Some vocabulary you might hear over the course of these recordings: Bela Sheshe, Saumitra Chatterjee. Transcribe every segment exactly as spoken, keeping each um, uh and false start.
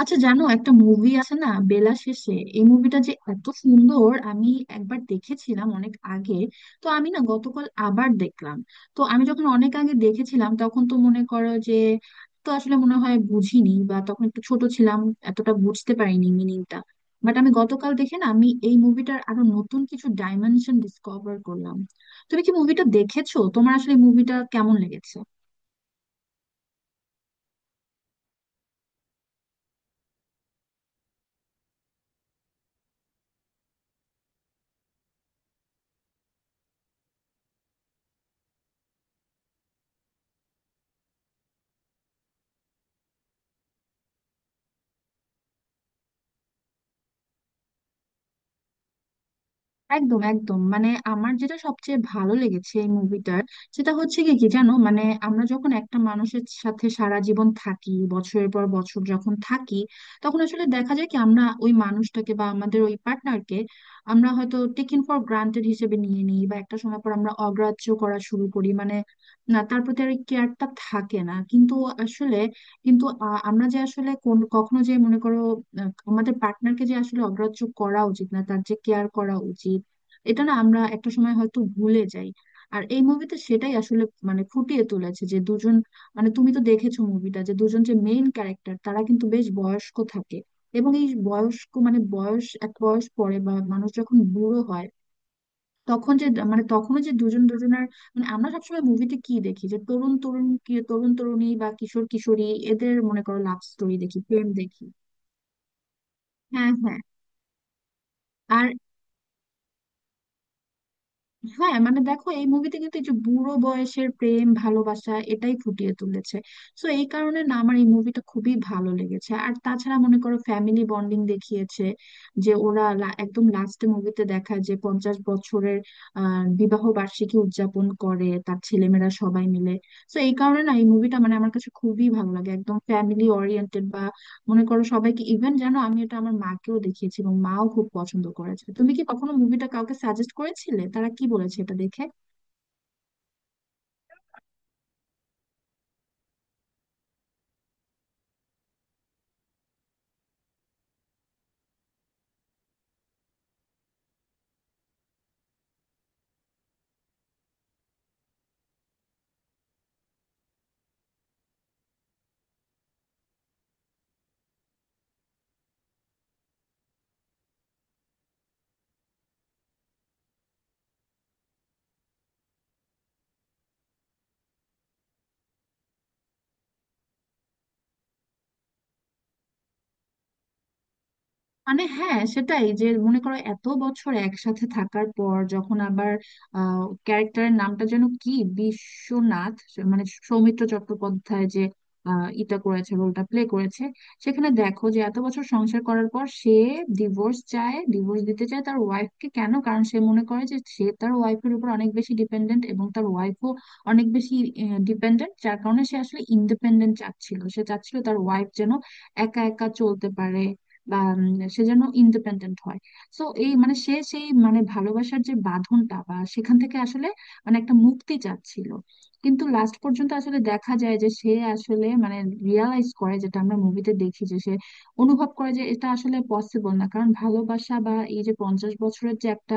আচ্ছা জানো, একটা মুভি আছে না, বেলা শেষে? এই মুভিটা যে এত সুন্দর, আমি একবার দেখেছিলাম অনেক আগে। তো আমি না, গতকাল আবার দেখলাম। তো আমি যখন অনেক আগে দেখেছিলাম তখন তো মনে করো যে, তো আসলে মনে হয় বুঝিনি, বা তখন একটু ছোট ছিলাম, এতটা বুঝতে পারিনি মিনিংটা। বাট আমি গতকাল দেখে না, আমি এই মুভিটার আরো নতুন কিছু ডাইমেনশন ডিসকভার করলাম। তুমি কি মুভিটা দেখেছো? তোমার আসলে মুভিটা কেমন লেগেছে? একদম একদম, মানে আমার যেটা সবচেয়ে ভালো লেগেছে এই মুভিটার, সেটা হচ্ছে কি কি জানো, মানে আমরা যখন একটা মানুষের সাথে সারা জীবন থাকি, বছরের পর বছর যখন থাকি, তখন আসলে দেখা যায় কি, আমরা ওই মানুষটাকে বা আমাদের ওই পার্টনারকে আমরা হয়তো টেকেন ফর গ্রান্টেড হিসেবে নিয়ে নিই, বা একটা সময় পর আমরা অগ্রাহ্য করা শুরু করি, মানে না, তার প্রতি আর কেয়ারটা থাকে না। কিন্তু আসলে কিন্তু আ- আমরা যে আসলে কোন কখনো যে মনে করো, আহ, আমাদের পার্টনারকে যে আসলে অগ্রাহ্য করা উচিত না, তার যে কেয়ার করা উচিত, এটা না আমরা একটা সময় হয়তো ভুলে যাই। আর এই মুভিতে সেটাই আসলে মানে ফুটিয়ে তুলেছে যে দুজন, মানে তুমি তো দেখেছো মুভিটা, যে দুজন যে মেইন ক্যারেক্টার, তারা কিন্তু বেশ বয়স্ক থাকে। এবং এই বয়স্ক মানে বয়স, এক বয়স পরে বা মানুষ যখন বুড়ো হয় তখন যে, মানে তখনও যে দুজন দুজনের, মানে আমরা সবসময় মুভিতে কি দেখি, যে তরুণ তরুণ কি তরুণ তরুণী বা কিশোর কিশোরী, এদের মনে করো লাভ স্টোরি দেখি, প্রেম দেখি। হ্যাঁ, হ্যাঁ। আর হ্যাঁ, মানে দেখো, এই মুভিতে কিন্তু এই যে বুড়ো বয়সের প্রেম ভালোবাসা এটাই ফুটিয়ে তুলেছে। তো এই কারণে না আমার এই মুভিটা খুবই ভালো লেগেছে। আর তাছাড়া মনে করো ফ্যামিলি বন্ডিং দেখিয়েছে, যে ওরা লা- একদম লাস্টে মুভিতে দেখায় যে পঞ্চাশ বছরের আহ বিবাহ বার্ষিকী উদযাপন করে তার ছেলেমেয়েরা সবাই মিলে। তো এই কারণে না এই মুভিটা মানে আমার কাছে খুবই ভালো লাগে, একদম ফ্যামিলি ওরিয়েন্টেড, মনে করো সবাইকে, ইভেন জানো আমি এটা আমার মাকেও দেখিয়েছি এবং মাও খুব পছন্দ করেছে। তুমি কি কখনো মুভিটা কাউকে সাজেস্ট করেছিলে? তারা কি বলেছে এটা দেখে? মানে হ্যাঁ, সেটাই, যে মনে করো এত বছর একসাথে থাকার পর যখন আবার, ক্যারেক্টারের নামটা যেন কি, বিশ্বনাথ, সে- মানে সৌমিত্র চট্টোপাধ্যায় যে আহ, ইটা করেছে, রোলটা প্লে করেছে, সেখানে দেখো যে এত বছর সংসার করার পর সে ডিভোর্স চায়, ডিভোর্স দিতে চায় তার ওয়াইফকে। কেন? কারণ সে মনে করে যে সে তার ওয়াইফের উপর অনেক বেশি ডিপেন্ডেন্ট এবং তার ওয়াইফও অনেক বেশি ডিপেন্ডেন্ট। যার কারণে সে আসলে ইন্ডিপেন্ডেন্ট চাচ্ছিল, সে চাচ্ছিল তার ওয়াইফ যেন একা একা চলতে পারে, বা উম, সে যেন ইন্ডিপেন্ডেন্ট হয়। সো এই মানে সে, সেই মানে ভালোবাসার যে বাঁধনটা, বা সেখান থেকে আসলে মানে একটা মুক্তি চাচ্ছিল। কিন্তু লাস্ট পর্যন্ত আসলে দেখা যায় যে সে আসলে মানে রিয়ালাইজ করে, যেটা আমরা মুভিতে দেখি যে সে অনুভব করে যে এটা আসলে পসিবল না, কারণ ভালোবাসা বা এই যে পঞ্চাশ বছরের যে একটা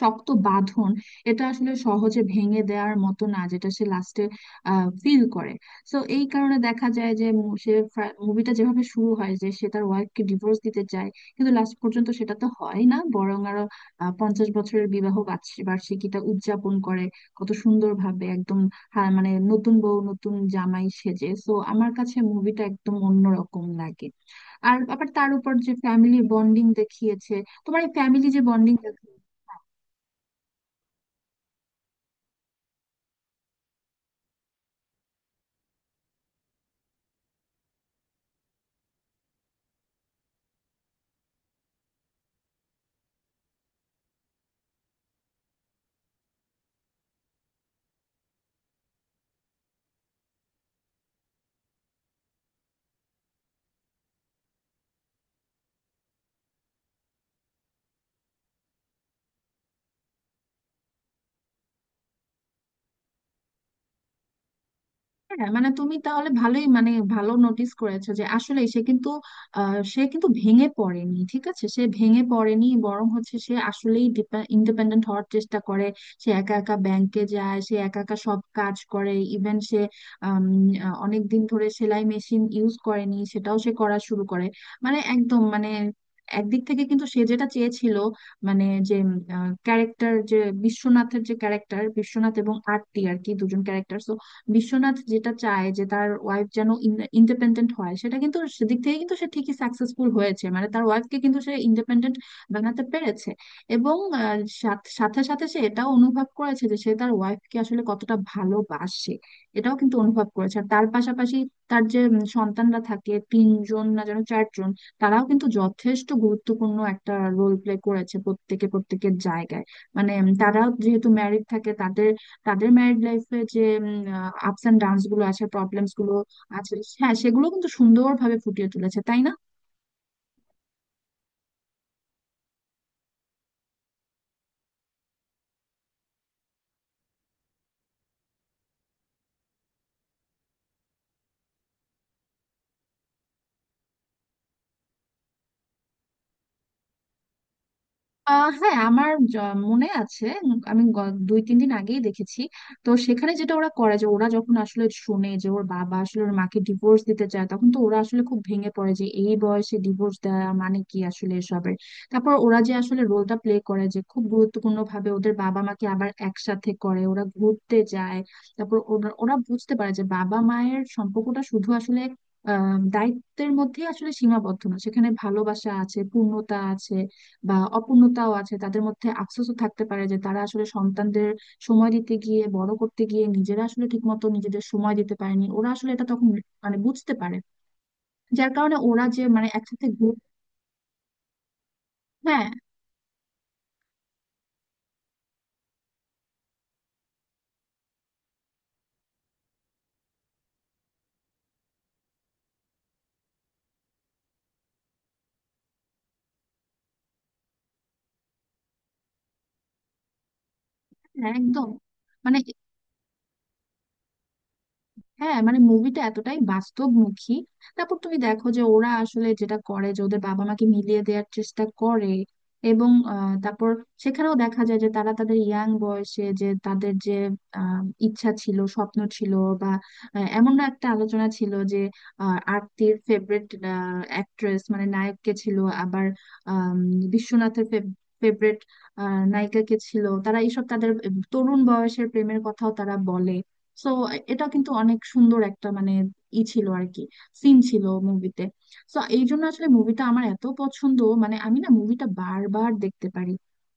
শক্ত বাঁধন, এটা আসলে সহজে ভেঙে দেওয়ার মতো না, যেটা সে লাস্টে ফিল করে। তো এই কারণে দেখা যায় যে মু- সে, মুভিটা যেভাবে শুরু হয় যে সে তার ওয়াইফকে ডিভোর্স দিতে চায়, কিন্তু লাস্ট পর্যন্ত সেটা তো হয় না, বরং আরো আহ, পঞ্চাশ বছরের বিবাহ বার্ষ- বার্ষিকীটা উদযাপন করে, কত সুন্দর ভাবে একদম। হ্যাঁ, মানে নতুন বউ নতুন জামাই সেজে, তো আমার কাছে মুভিটা একদম অন্যরকম লাগে। আর আবার তার উপর যে ফ্যামিলি বন্ডিং দেখিয়েছে, তোমার এই ফ্যামিলি যে বন্ডিং। হ্যাঁ, মানে তুমি তাহলে ভালোই, মানে ভালো নোটিস করেছো যে আসলে সে কিন্তু আহ, সে কিন্তু ভেঙে পড়েনি। ঠিক আছে, সে ভেঙে পড়েনি, বরং হচ্ছে সে আসলেই ইন্ডিপেন্ডেন্ট হওয়ার চেষ্টা করে। সে একা একা ব্যাংকে যায়, সে একা একা সব কাজ করে। ইভেন সে অনেক দিন ধরে সেলাই মেশিন ইউজ করেনি, সেটাও সে করা শুরু করে। মানে একদম মানে একদিক থেকে কিন্তু সে যেটা চেয়েছিল, মানে যে ক্যারেক্টার যে, বিশ্বনাথের যে ক্যারেক্টার, বিশ্বনাথ এবং আরতি আর কি দুজন ক্যারেক্টার, বিশ্বনাথ যেটা চায় যে তার ওয়াইফ যেন ইন্ডিপেন্ডেন্ট হয়, সেটা কিন্তু সেদিক থেকে কিন্তু সে ঠিকই সাকসেসফুল হয়েছে, মানে তার ওয়াইফকে কিন্তু সে ইন্ডিপেন্ডেন্ট বানাতে পেরেছে। এবং আহ, সাথ- সাথে সাথে সে এটাও অনুভব করেছে যে সে তার ওয়াইফকে আসলে কতটা ভালোবাসে, এটাও কিন্তু অনুভব করেছে। আর তার পাশাপাশি তার যে উম, সন্তানরা থাকে, তিনজন না যেন চারজন, তারাও কিন্তু যথেষ্ট গুরুত্বপূর্ণ একটা রোল প্লে করেছে, প্রত্যেকে প্রত্যেকের জায়গায়। মানে উম, তারাও যেহেতু ম্যারিড থাকে, তাদের তাদের ম্যারিড লাইফে যে আপস এন্ড ডাউনস গুলো আছে, প্রবলেমস গুলো আছে। হ্যাঁ, সেগুলো কিন্তু সুন্দরভাবে ফুটিয়ে তুলেছে, তাই না? আহ হ্যাঁ, আমার য- মনে আছে, উম, আমি গ- দুই তিন দিন আগেই দেখেছি। তো সেখানে যেটা ওরা করে, যে ওরা যখন আসলে শুনে যে ওর বাবা আসলে ওর মাকে ডিভোর্স দিতে চায়, তখন তো ওরা আসলে খুব ভেঙে পড়ে যে এই বয়সে ডিভোর্স দেওয়া মানে কি আসলে এসবের। তারপর ওরা যে আসলে রোলটা প্লে করে যে খুব গুরুত্বপূর্ণ ভাবে ওদের বাবা মাকে আবার একসাথে করে, ওরা ঘুরতে যায়। তারপর ওরা ওরা বুঝতে পারে যে বাবা মায়ের সম্পর্কটা শুধু আসলে আহ দায়িত্বের মধ্যেই আসলে সীমাবদ্ধ না, সেখানে ভালোবাসা আছে, পূর্ণতা আছে, বা অপূর্ণতাও আছে, তাদের মধ্যে আফসোসও থাকতে পারে যে তারা আসলে সন্তানদের সময় দিতে গিয়ে, বড় করতে গিয়ে, নিজেরা আসলে ঠিকমতো নিজেদের সময় দিতে পারেনি। ওরা আসলে এটা তখন মানে বুঝতে পারে, যার কারণে ওরা যে মানে একসাথে গ্রুপ, হ্যাঁ হ্যাঁ, একদম মানে হ্যাঁ, মানে মুভিটা এতটাই বাস্তবমুখী। তারপর তুমি দেখো যে ওরা আসলে যেটা করে যে ওদের বাবা মাকে মিলিয়ে দেওয়ার চেষ্টা করে, এবং আহ, তারপর সেখানেও দেখা যায় যে তারা তাদের ইয়াং বয়সে যে তাদের যে আহ, ইচ্ছা ছিল, স্বপ্ন ছিল, বা আহ, এমন না একটা আলোচনা ছিল যে আহ, আরতির ফেভারিট অ্যাক্ট্রেস, মানে নায়ককে ছিল, আবার আম, বিশ্বনাথের ফেভারিট নায়িকাকে ছিল, তারা এইসব তাদের তরুণ বয়সের প্রেমের কথাও তারা বলে। সো এটা কিন্তু অনেক সুন্দর একটা, মানে ই ছিল আর কি, সিন ছিল মুভিতে। সো এই জন্য আসলে মুভিটা আমার এত পছন্দ, মানে আমি না মুভিটা বারবার দেখতে পারি,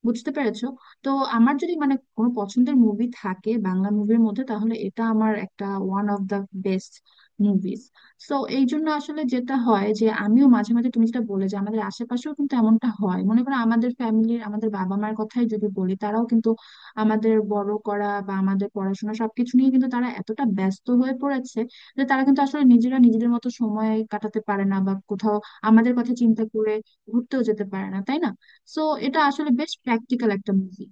বুঝতে পেরেছো? তো আমার যদি মানে কোনো পছন্দের মুভি থাকে বাংলা মুভির মধ্যে, তাহলে এটা আমার একটা one of the best movies. So এই জন্য আসলে যেটা হয়, যে আমিও মাঝে মাঝে তুমি যেটা বলে যে আমাদের আশেপাশেও কিন্তু এমনটা হয়, মনে করো আমাদের ফ্যামিলির আমাদের বাবা মার কথাই যদি বলি, তারাও কিন্তু আমাদের বড় করা বা আমাদের পড়াশোনা সবকিছু নিয়ে কিন্তু তারা এতটা ব্যস্ত হয়ে পড়েছে যে তারা কিন্তু আসলে নিজেরা নিজেদের মতো সময় কাটাতে পারে না, বা কোথাও আমাদের কথা চিন্তা করে ঘুরতেও যেতে পারে না, তাই না? সো এটা আসলে বেশ প্র্যাকটিক্যাল একটা মুভি।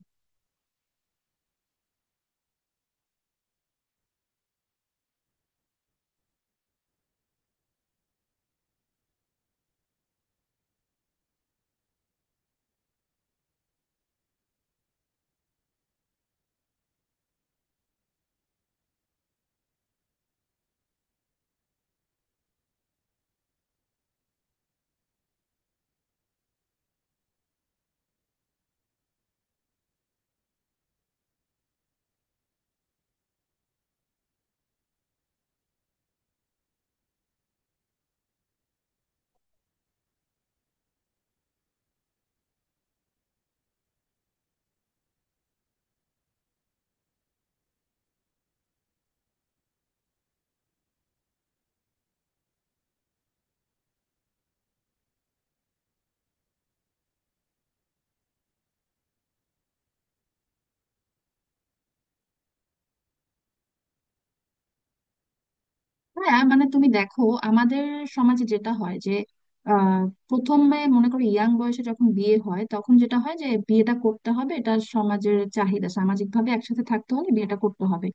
হ্যাঁ মানে তুমি দেখো, আমাদের সমাজে যেটা হয় যে আহ, প্রথমে মনে করো ইয়াং বয়সে যখন বিয়ে হয় তখন যেটা হয় যে বিয়েটা করতে হবে, এটা সমাজের চাহিদা, সামাজিক ভাবে একসাথে থাকতে হলে বিয়েটা করতে হবে।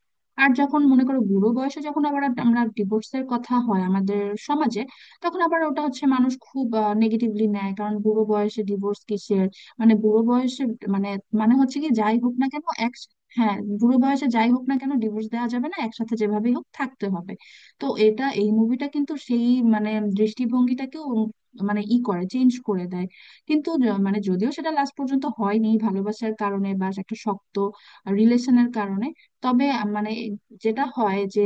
আর যখন মনে করো বুড়ো বয়সে, যখন আবার আমরা ডিভোর্সের কথা হয় আমাদের সমাজে, তখন আবার ওটা হচ্ছে মানুষ খুব নেগেটিভলি নেয়, কারণ বুড়ো বয়সে ডিভোর্স কিসের, মানে বুড়ো বয়সে মানে, মানে হচ্ছে কি, যাই হোক না কেন এক, হ্যাঁ বুড়ো বয়সে যাই হোক না কেন ডিভোর্স দেওয়া যাবে না, একসাথে যেভাবেই হোক থাকতে হবে। তো এটা, এই মুভিটা কিন্তু সেই মানে দৃষ্টিভঙ্গিটাকেও উম, মানে ই করে চেঞ্জ করে দেয়। কিন্তু য- মানে যদিও সেটা লাস্ট পর্যন্ত হয়নি ভালোবাসার কারণে বা একটা শক্ত রিলেশনের কারণে, তবে আ- মানে যেটা হয় যে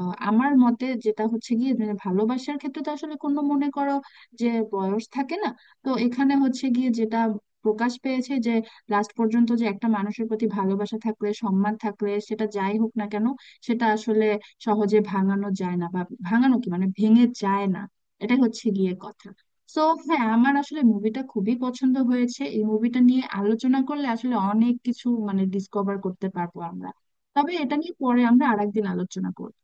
আহ, আমার মতে যেটা হচ্ছে গিয়ে মানে ভালোবাসার ক্ষেত্রে তো আসলে কোনো মনে করো যে বয়স থাকে না। তো এখানে হচ্ছে গিয়ে যেটা প্রকাশ পেয়েছে যে লাস্ট পর্যন্ত যে একটা মানুষের প্রতি ভালোবাসা থাকলে, সম্মান থাকলে, সেটা যাই হোক না কেন সেটা আসলে সহজে ভাঙানো যায় না, বা ভাঙানো কি মানে ভেঙে যায় না, এটাই হচ্ছে গিয়ে কথা। তো হ্যাঁ, আমার আসলে মুভিটা খুবই পছন্দ হয়েছে। এই মুভিটা নিয়ে আলোচনা করলে আসলে অনেক কিছু মানে ডিসকভার করতে পারবো আমরা। তবে এটা নিয়ে পরে আমরা আরেকদিন আলোচনা করবো।